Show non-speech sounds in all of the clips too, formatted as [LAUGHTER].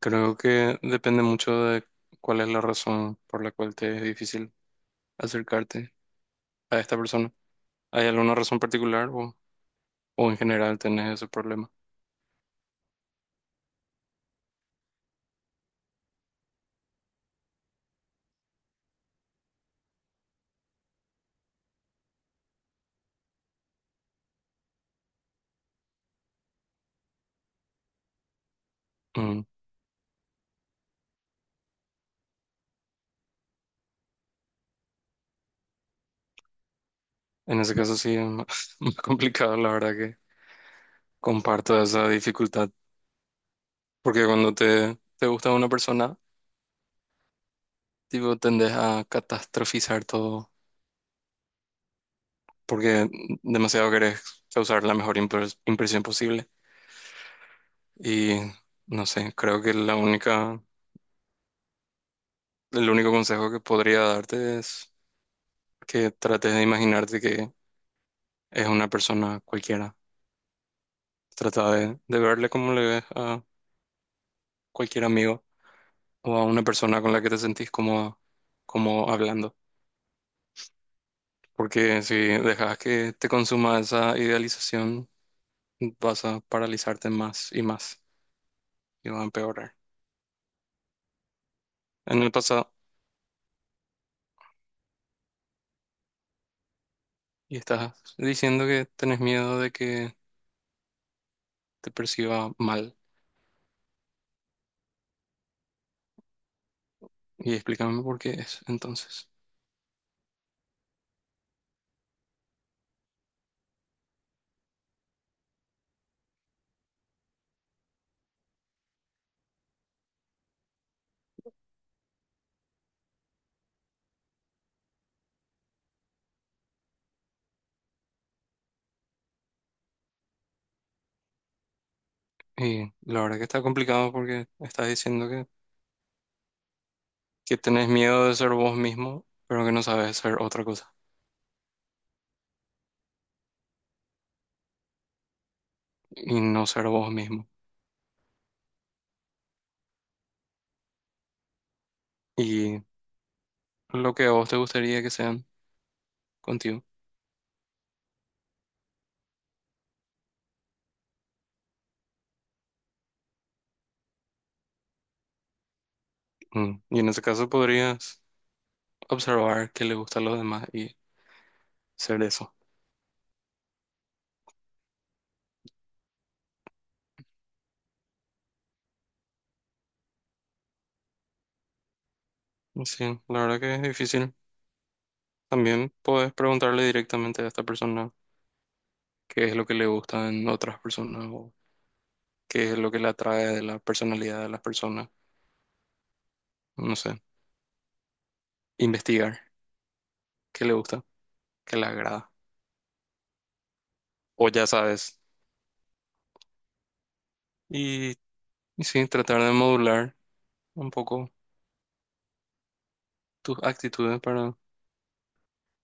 Creo que depende mucho de cuál es la razón por la cual te es difícil acercarte a esta persona. ¿Hay alguna razón particular o en general tenés ese problema? Mm. En ese caso sí es más, [LAUGHS] más complicado, la verdad que comparto esa dificultad, porque cuando te gusta una persona, tipo, tendes a catastrofizar todo, porque demasiado querés causar la mejor impresión posible. Y no sé, creo que el único consejo que podría darte es que trates de imaginarte que es una persona cualquiera. Trata de verle como le ves a cualquier amigo o a una persona con la que te sentís como, como hablando. Porque si dejas que te consuma esa idealización, vas a paralizarte más y más y va a empeorar. En el pasado, y estás diciendo que tenés miedo de que te perciba mal. Y explícame por qué es entonces. Y la verdad que está complicado porque estás diciendo que tenés miedo de ser vos mismo, pero que no sabes ser otra cosa y no ser vos mismo. Y lo que a vos te gustaría que sean contigo. Mm. Y en ese caso podrías observar qué le gusta a los demás y ser eso. Sí, la verdad que es difícil. También puedes preguntarle directamente a esta persona qué es lo que le gusta en otras personas o qué es lo que le atrae de la personalidad de las personas. No sé, investigar qué le gusta, qué le agrada. O ya sabes. Y, y sí, tratar de modular un poco tus actitudes para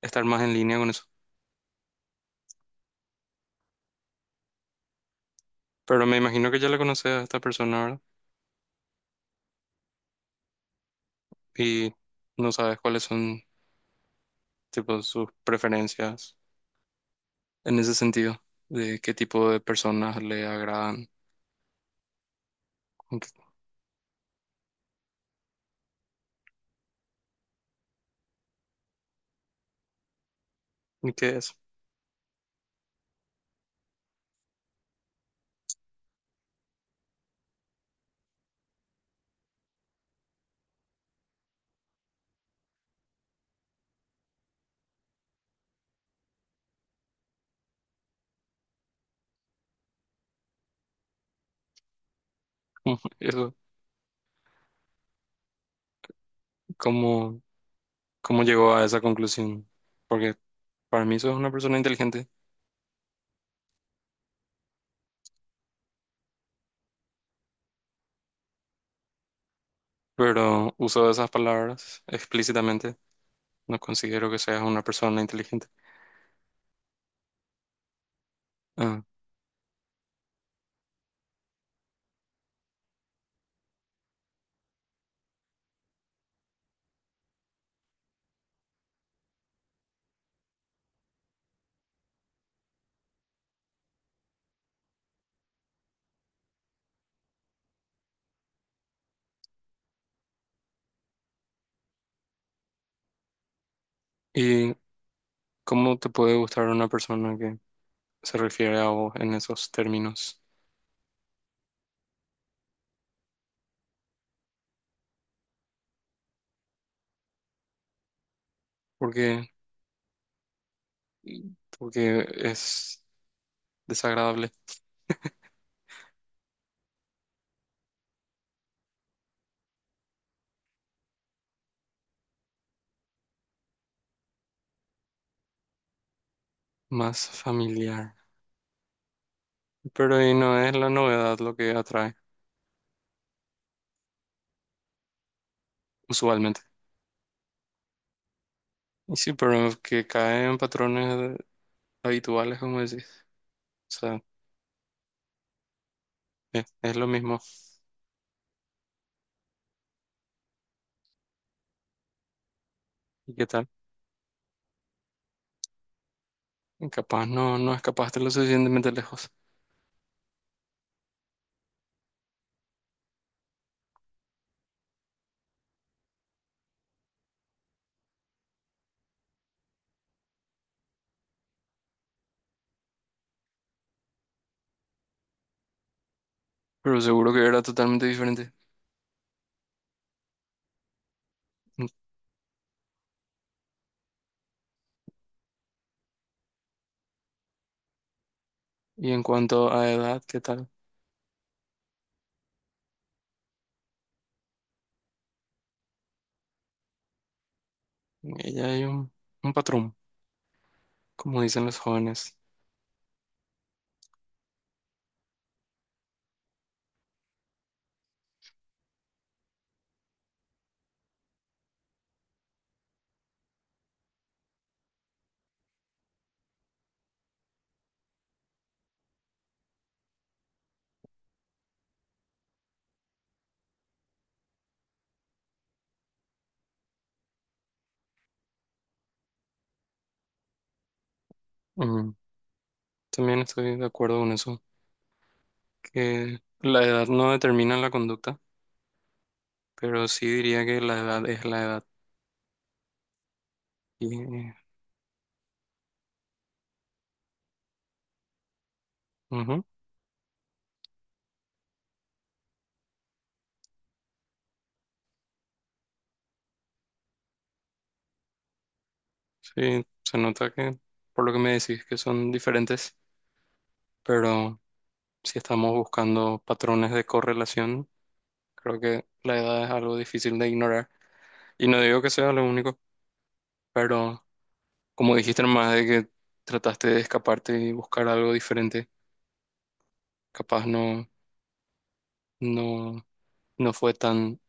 estar más en línea con eso. Pero me imagino que ya la conoces a esta persona, ¿verdad? Y no sabes cuáles son, tipo, sus preferencias en ese sentido, de qué tipo de personas le agradan y qué y qué es. [LAUGHS] Eso, ¿cómo, ¿cómo llegó a esa conclusión? Porque para mí sos una persona inteligente, pero uso esas palabras explícitamente. No considero que seas una persona inteligente. Ah, ¿y cómo te puede gustar una persona que se refiere a vos en esos términos, porque, porque es desagradable, más familiar. Pero ahí no es la novedad lo que atrae usualmente. Y sí, pero que cae en patrones habituales, como decís. O sea, es lo mismo. ¿Y qué tal? Capaz no escapaste lo suficientemente lejos, pero seguro que era totalmente diferente. Y en cuanto a edad, ¿qué tal? Ella hay un patrón, como dicen los jóvenes. Mm, también estoy de acuerdo con eso. Que la edad no determina la conducta, pero sí diría que la edad es la edad. Y, ujú, sí, se nota que por lo que me decís que son diferentes, pero si estamos buscando patrones de correlación, creo que la edad es algo difícil de ignorar. Y no digo que sea lo único, pero como dijiste nomás de que trataste de escaparte y buscar algo diferente, capaz no, no fue tan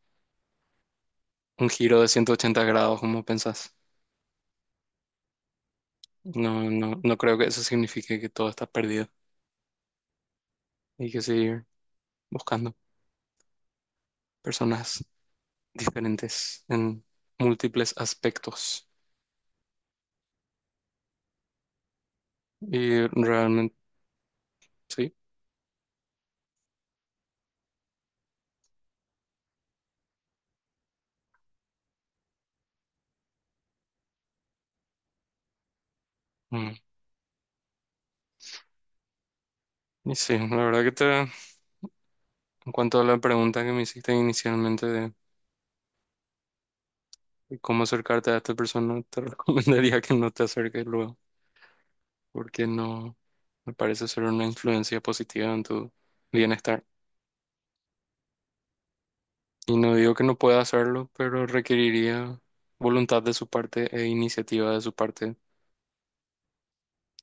un giro de 180 grados como pensás. No, no, no creo que eso signifique que todo está perdido. Hay que seguir buscando personas diferentes en múltiples aspectos. Y realmente, sí. Mm. Y sí, la verdad que te, en cuanto a la pregunta que me hiciste inicialmente de cómo acercarte a esta persona, te [LAUGHS] recomendaría que no te acerques luego, porque no me parece ser una influencia positiva en tu bienestar. Y no digo que no pueda hacerlo, pero requeriría voluntad de su parte e iniciativa de su parte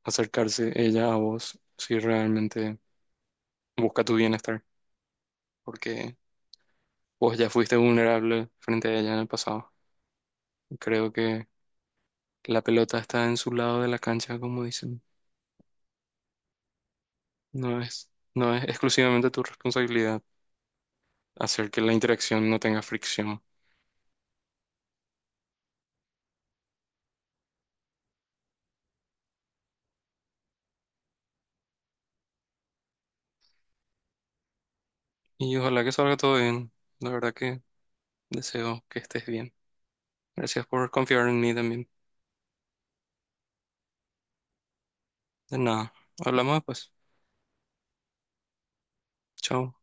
acercarse ella a vos si realmente busca tu bienestar, porque vos ya fuiste vulnerable frente a ella en el pasado. Creo que la pelota está en su lado de la cancha, como dicen. No es exclusivamente tu responsabilidad hacer que la interacción no tenga fricción. Y ojalá que salga todo bien. La verdad que deseo que estés bien. Gracias por confiar en mí también. De nada. Hablamos después. Chao.